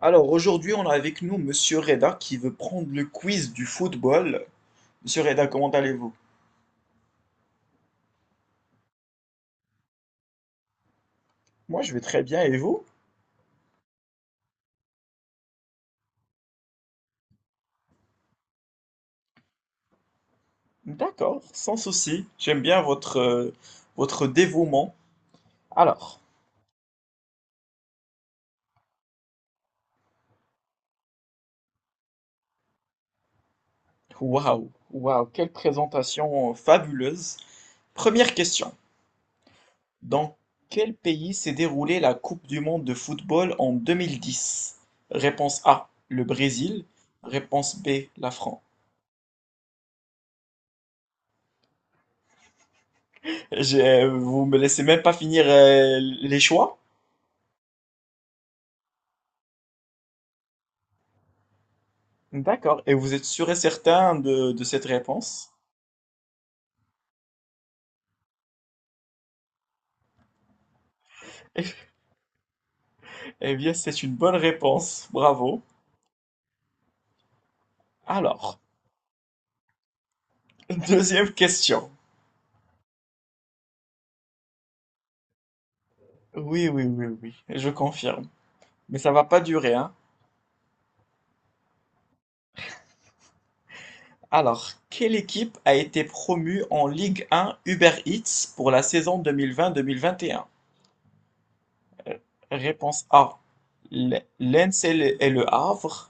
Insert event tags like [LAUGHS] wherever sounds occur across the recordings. Alors aujourd'hui, on a avec nous Monsieur Reda qui veut prendre le quiz du football. Monsieur Reda, comment allez-vous? Moi, je vais très bien et vous? D'accord, sans souci. J'aime bien votre dévouement. Alors, waouh, waouh, quelle présentation fabuleuse. Première question. Dans quel pays s'est déroulée la Coupe du monde de football en 2010? Réponse A, le Brésil. Réponse B, la France. Vous me laissez même pas finir, les choix? D'accord. Et vous êtes sûr et certain de cette réponse? [LAUGHS] Eh bien, c'est une bonne réponse. Bravo. Alors, [LAUGHS] deuxième question. Oui, oui, oui, oui, je confirme. Mais ça va pas durer, hein. Alors, quelle équipe a été promue en Ligue 1 Uber Eats pour la saison 2020-2021? Euh, Réponse A, Lens et le Havre.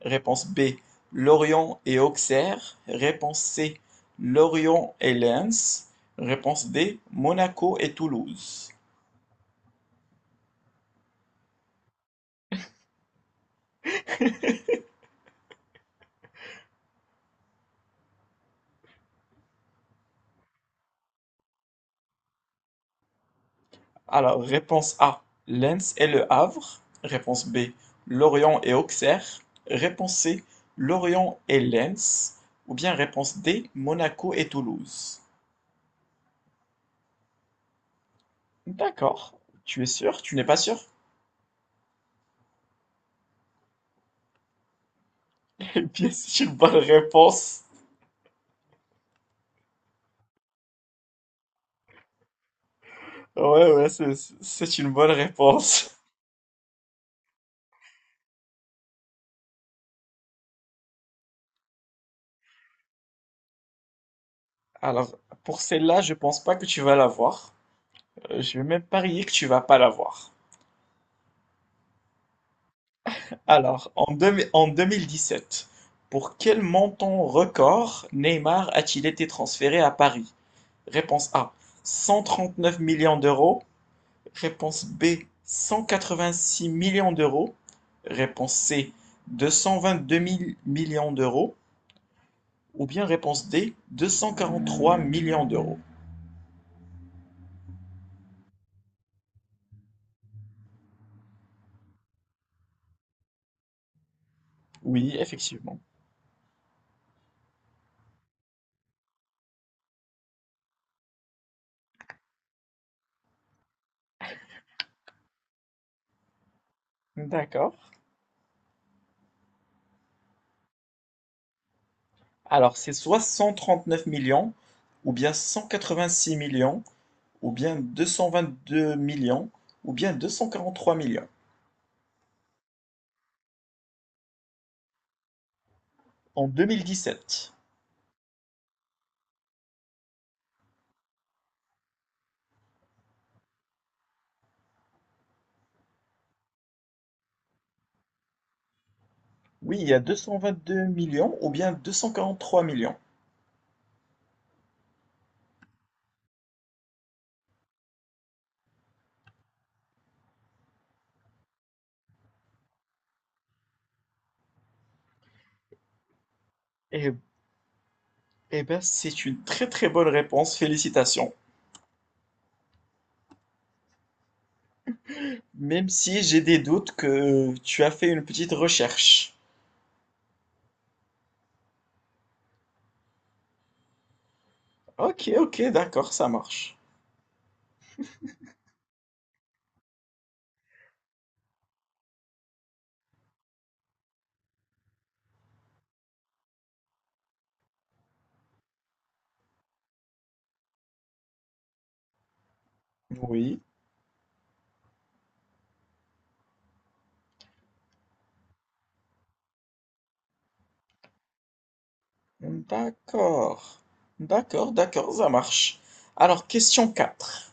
Réponse B, Lorient et Auxerre. Réponse C, Lorient et Lens. Réponse D, Monaco et Toulouse. Alors, réponse A, Lens et Le Havre. Réponse B, Lorient et Auxerre. Réponse C, Lorient et Lens. Ou bien réponse D, Monaco et Toulouse. D'accord. Tu es sûr? Tu n'es pas sûr? [LAUGHS] Eh bien, c'est une bonne réponse. Ouais, ouais, c'est une bonne réponse. Alors, pour celle-là, je pense pas que tu vas l'avoir. Je vais même parier que tu vas pas l'avoir. Alors, en 2017, pour quel montant record Neymar a-t-il été transféré à Paris? Réponse A, 139 millions d'euros. Réponse B, 186 millions d'euros. Réponse C, 222 mille millions d'euros. Ou bien réponse D, 243 millions d'euros. Oui, effectivement. D'accord. Alors, c'est soit 139 millions, ou bien 186 millions, ou bien 222 millions, ou bien 243 millions. En 2017. Oui, il y a 222 millions, ou bien deux cent quarante-trois millions. Eh, eh ben, c'est une très très bonne réponse, félicitations. Même si j'ai des doutes que tu as fait une petite recherche. Ok, ok, d'accord, ça marche. Oui, d'accord. D'accord, d'accord, ça marche. Alors, question 4.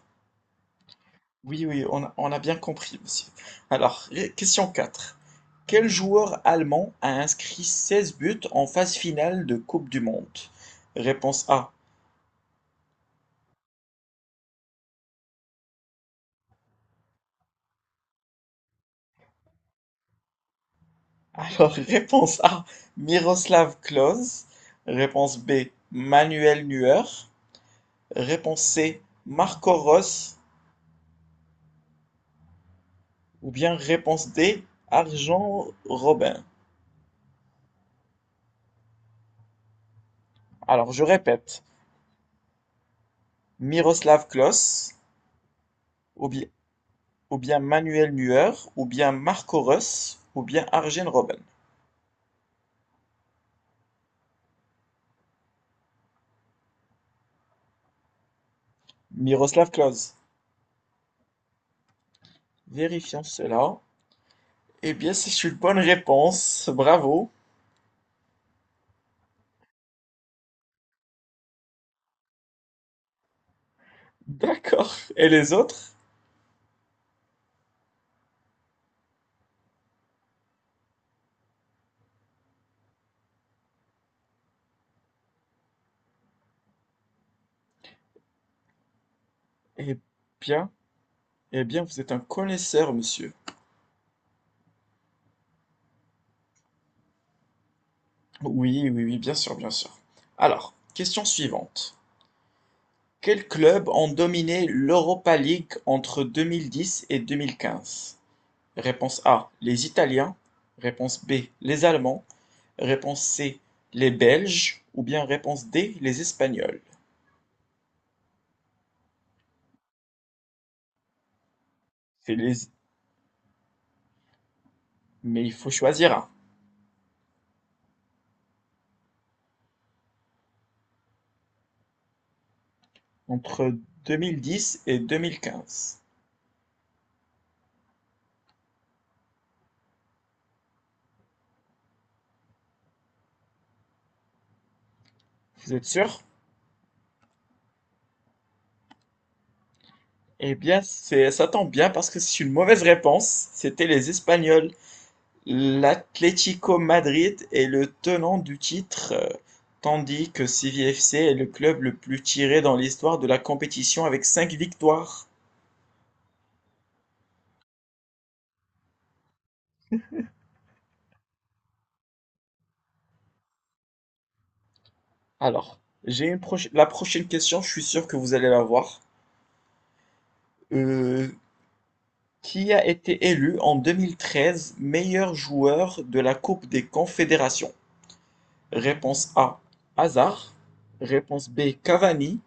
Oui, oui, on a bien compris, monsieur. Alors, Question quatre. Quel joueur allemand a inscrit 16 buts en phase finale de Coupe du Monde? Réponse A. Alors, [LAUGHS] réponse A, Miroslav Klose. Réponse B, Manuel Neuer. Réponse C, Marco Rose. Ou bien réponse D, Arjen Robben. Alors, je répète, Miroslav Klose, ou bien ou bien Manuel Neuer, ou bien Marco Reus, ou bien Arjen Robben. Miroslav Klose. Vérifions cela. Eh bien, c'est une bonne réponse. Bravo. D'accord. Et les autres? Eh bien, eh bien, vous êtes un connaisseur, monsieur. Oui, oui, oui, bien sûr, bien sûr. Alors, question suivante. Quels clubs ont dominé l'Europa League entre 2010 et 2015? Réponse A, les Italiens. Réponse B, les Allemands. Réponse C, les Belges. Ou bien réponse D, les Espagnols. C'est les- Mais il faut choisir un. Entre 2010 et 2015. Vous êtes sûr? Eh bien, ça tombe bien parce que c'est une mauvaise réponse. C'était les Espagnols. L'Atlético Madrid est le tenant du titre, tandis que CVFC est le club le plus tiré dans l'histoire de la compétition avec 5 victoires. Alors, la prochaine question, je suis sûr que vous allez la voir. Euh, qui a été élu en 2013 meilleur joueur de la Coupe des Confédérations? Réponse A, Hazard. Réponse B, Cavani.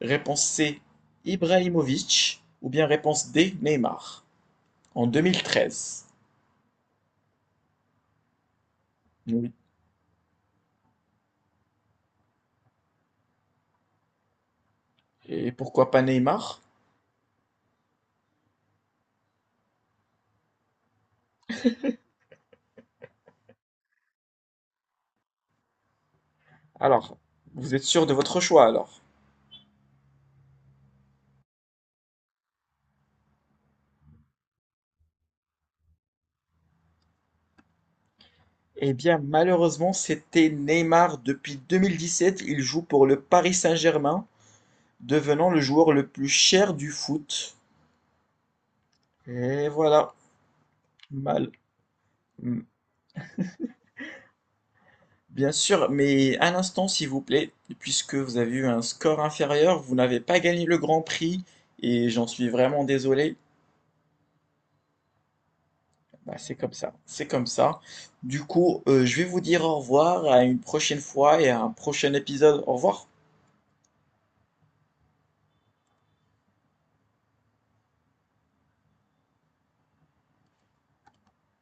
Réponse C, Ibrahimovic. Ou bien réponse D, Neymar. En 2013. Oui. Et pourquoi pas Neymar? Alors, vous êtes sûr de votre choix alors? Eh bien, malheureusement, c'était Neymar. Depuis 2017, il joue pour le Paris Saint-Germain, devenant le joueur le plus cher du foot. Et voilà. Mal. Mm. Bien sûr, mais un instant, s'il vous plaît, puisque vous avez eu un score inférieur, vous n'avez pas gagné le Grand Prix, et j'en suis vraiment désolé. Bah, c'est comme ça, c'est comme ça. Du coup, je vais vous dire au revoir à une prochaine fois et à un prochain épisode. Au revoir.